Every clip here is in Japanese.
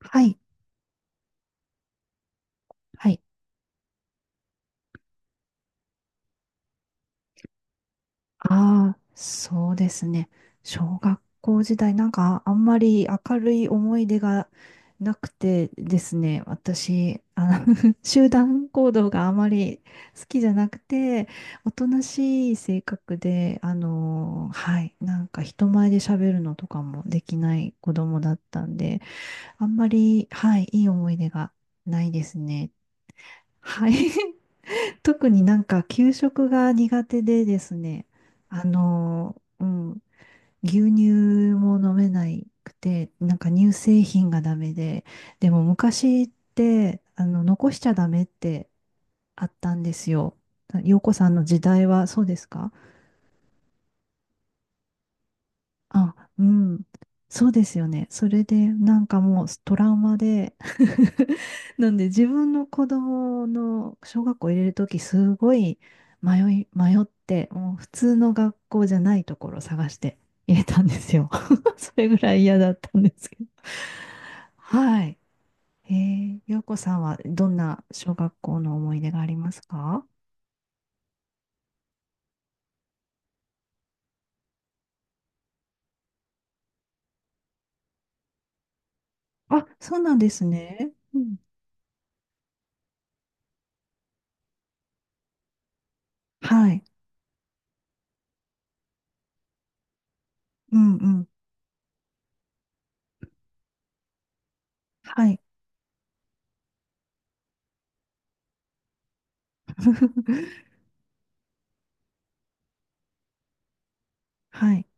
はい、はい。ああ、そうですね。小学校時代、なんかあんまり明るい思い出がなくてですね、私、集団行動があまり好きじゃなくて、おとなしい性格で、はい、なんか人前で喋るのとかもできない子供だったんで、あんまり、はい、いい思い出がないですね。はい。特になんか給食が苦手でですね、うん、牛乳も飲めないくて、なんか乳製品がダメで、でも昔って、残しちゃダメってあったんですよ。洋子さんの時代はそうですか？あ、うん。そうですよね。それで、なんかもうトラウマで なんで自分の子供の小学校入れるとき、すごい迷って、もう普通の学校じゃないところを探して入れたんですよ。それぐらい嫌だったんですけど。はい。洋子さんはどんな小学校の思い出がありますか？あ、そうなんですね。うん。はい。うんうん。はい。はい。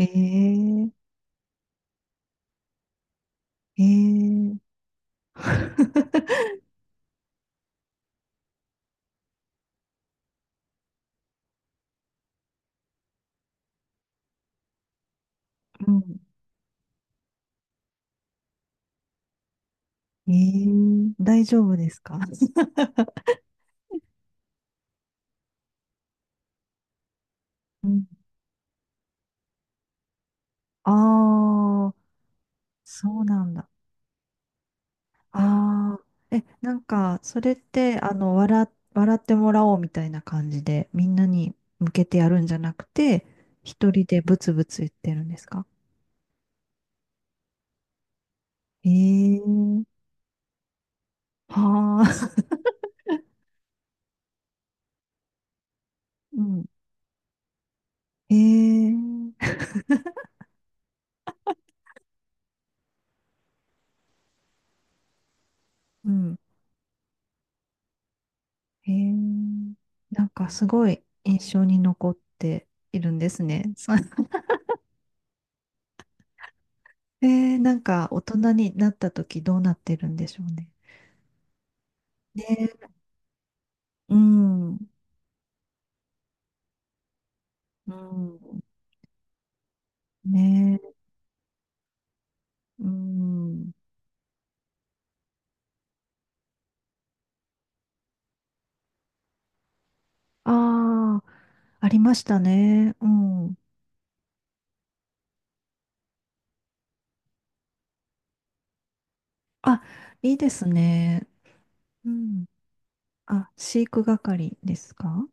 ええええ うん。ええ大丈夫ですか？ うん。ああ、そうなんだ。ああ、え、なんか、それって、笑ってもらおうみたいな感じで、みんなに向けてやるんじゃなくて、一人でブツブツ言ってるんですか？ええはあ、うん。ええうん。へえ、なんかすごい印象に残っているんですね。そう、なんか大人になった時どうなってるんでしょうね。ね、うん、うん、ね、うん。ああ、ありましたね。うん。あ、いいですね。うん。あ、飼育係ですか？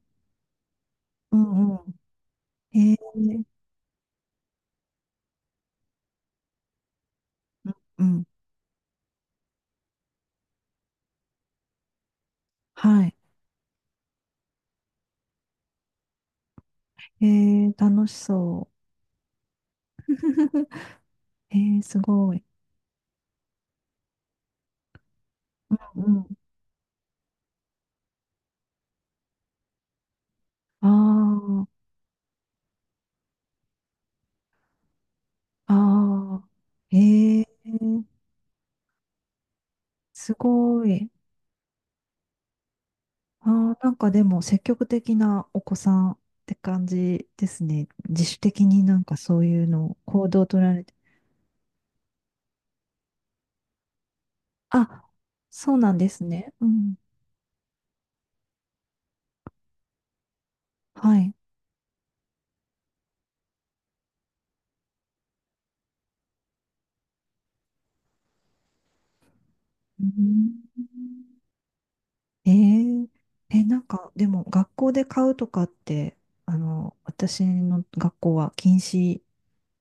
うんうん。えー、うん、うんはい。えー、楽しそう。えー、すごい。うんああ、ああ、ええすごい。ああ、なんかでも積極的なお子さんって感じですね。自主的になんかそういうのを行動を取られて。あ、そうなんですね。うん。はい。うん、えええ、なんかでも学校で買うとかって、私の学校は禁止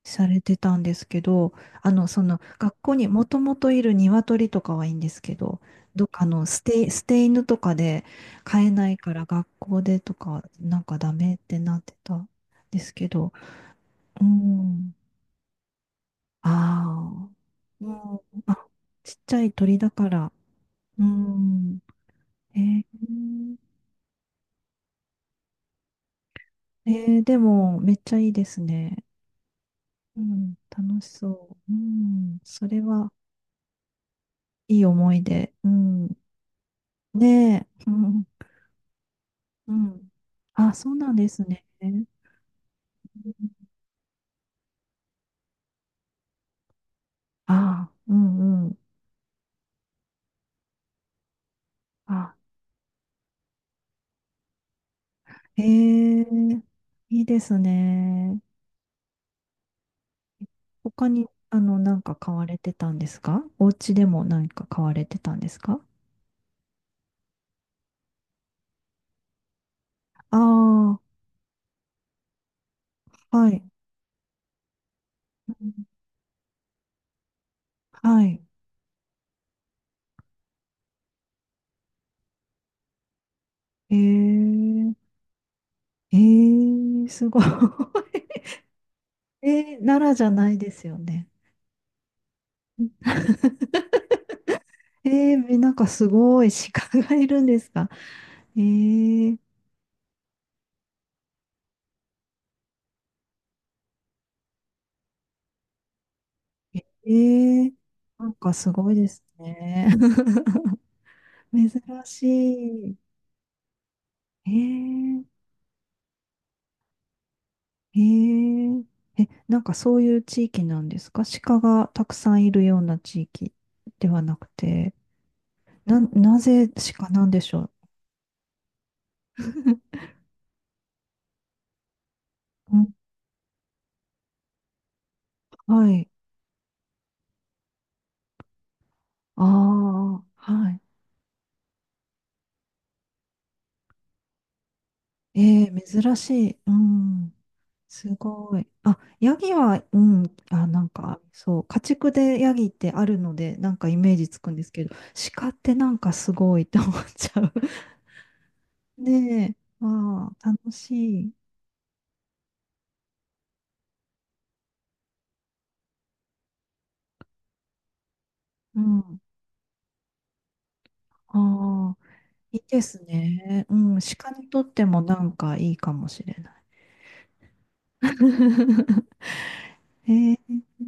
されてたんですけど、その学校にもともといる鶏とかはいいんですけど、どっかの捨て犬とかで飼えないから学校でとかなんかダメってなってたんですけど、うん、ああ、うん、あ、ちっちゃい鳥だから、うん、えー、でもめっちゃいいですね。うん、楽しそう。うん、それはいい思い出。うん、ねえ。うんうん。あ、そうなんですね。うんあ、うんうん。あ、へえ、いいですね。他に、なんか買われてたんですかお家でも何か買われてたんですか？ああー、はい。うんはい。えー、ええ、すごい。えー、奈良じゃないですよね。えー、なんかすごい鹿がいるんですか？えー、ええなんかすごいですね。珍しい。えええええ、なんかそういう地域なんですか？鹿がたくさんいるような地域ではなくて、なぜ鹿なんでしょう？ うん、はい。ああ、はい。ええ珍しい。うん。すごい。あ、ヤギは、うん、あ、なんか、そう、家畜でヤギってあるので、なんかイメージつくんですけど、鹿ってなんかすごいって思っちゃう。ねえ、ああ、楽しい。うん。ああ、いいですね。うん、鹿にとってもなんかいいかもしれない。えー、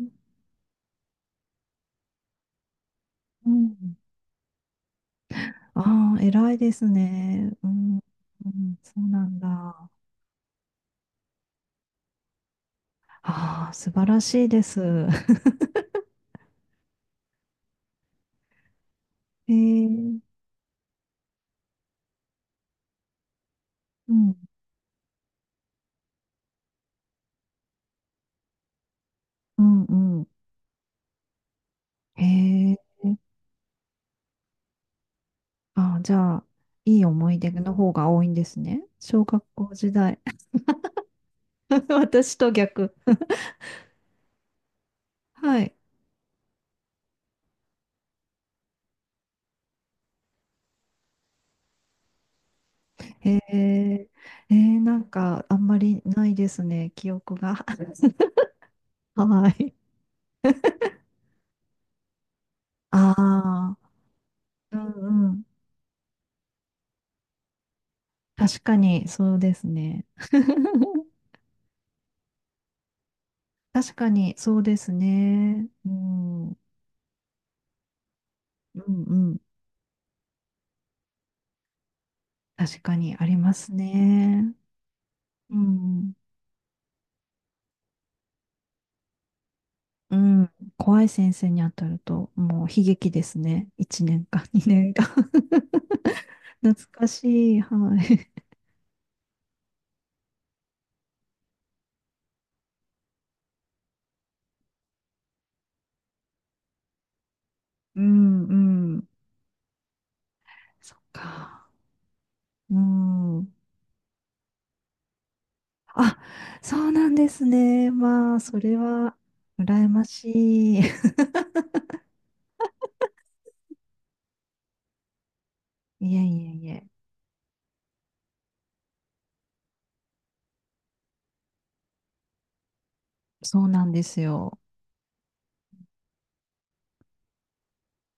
うん。ああ、偉いですね。うん、うん、そうなんだ。ああ、素晴らしいです。えー、うん。うんうん。へえ。あ、じゃあ、いい思い出の方が多いんですね。小学校時代。私と逆。はい。へえ。なんか、あんまりないですね、記憶が。はい。ああ、うんうん。確かに、そうですね。確かに、そうですね。うん、うんうん。確かに、ありますね。うん。うん、怖い先生に当たると、もう悲劇ですね。1年か2年か 懐かしい。はい。うん、うん。そっか。うん。あ、そうなんですね。まあ、それは、羨ましい。いえいえいえ。そうなんですよ。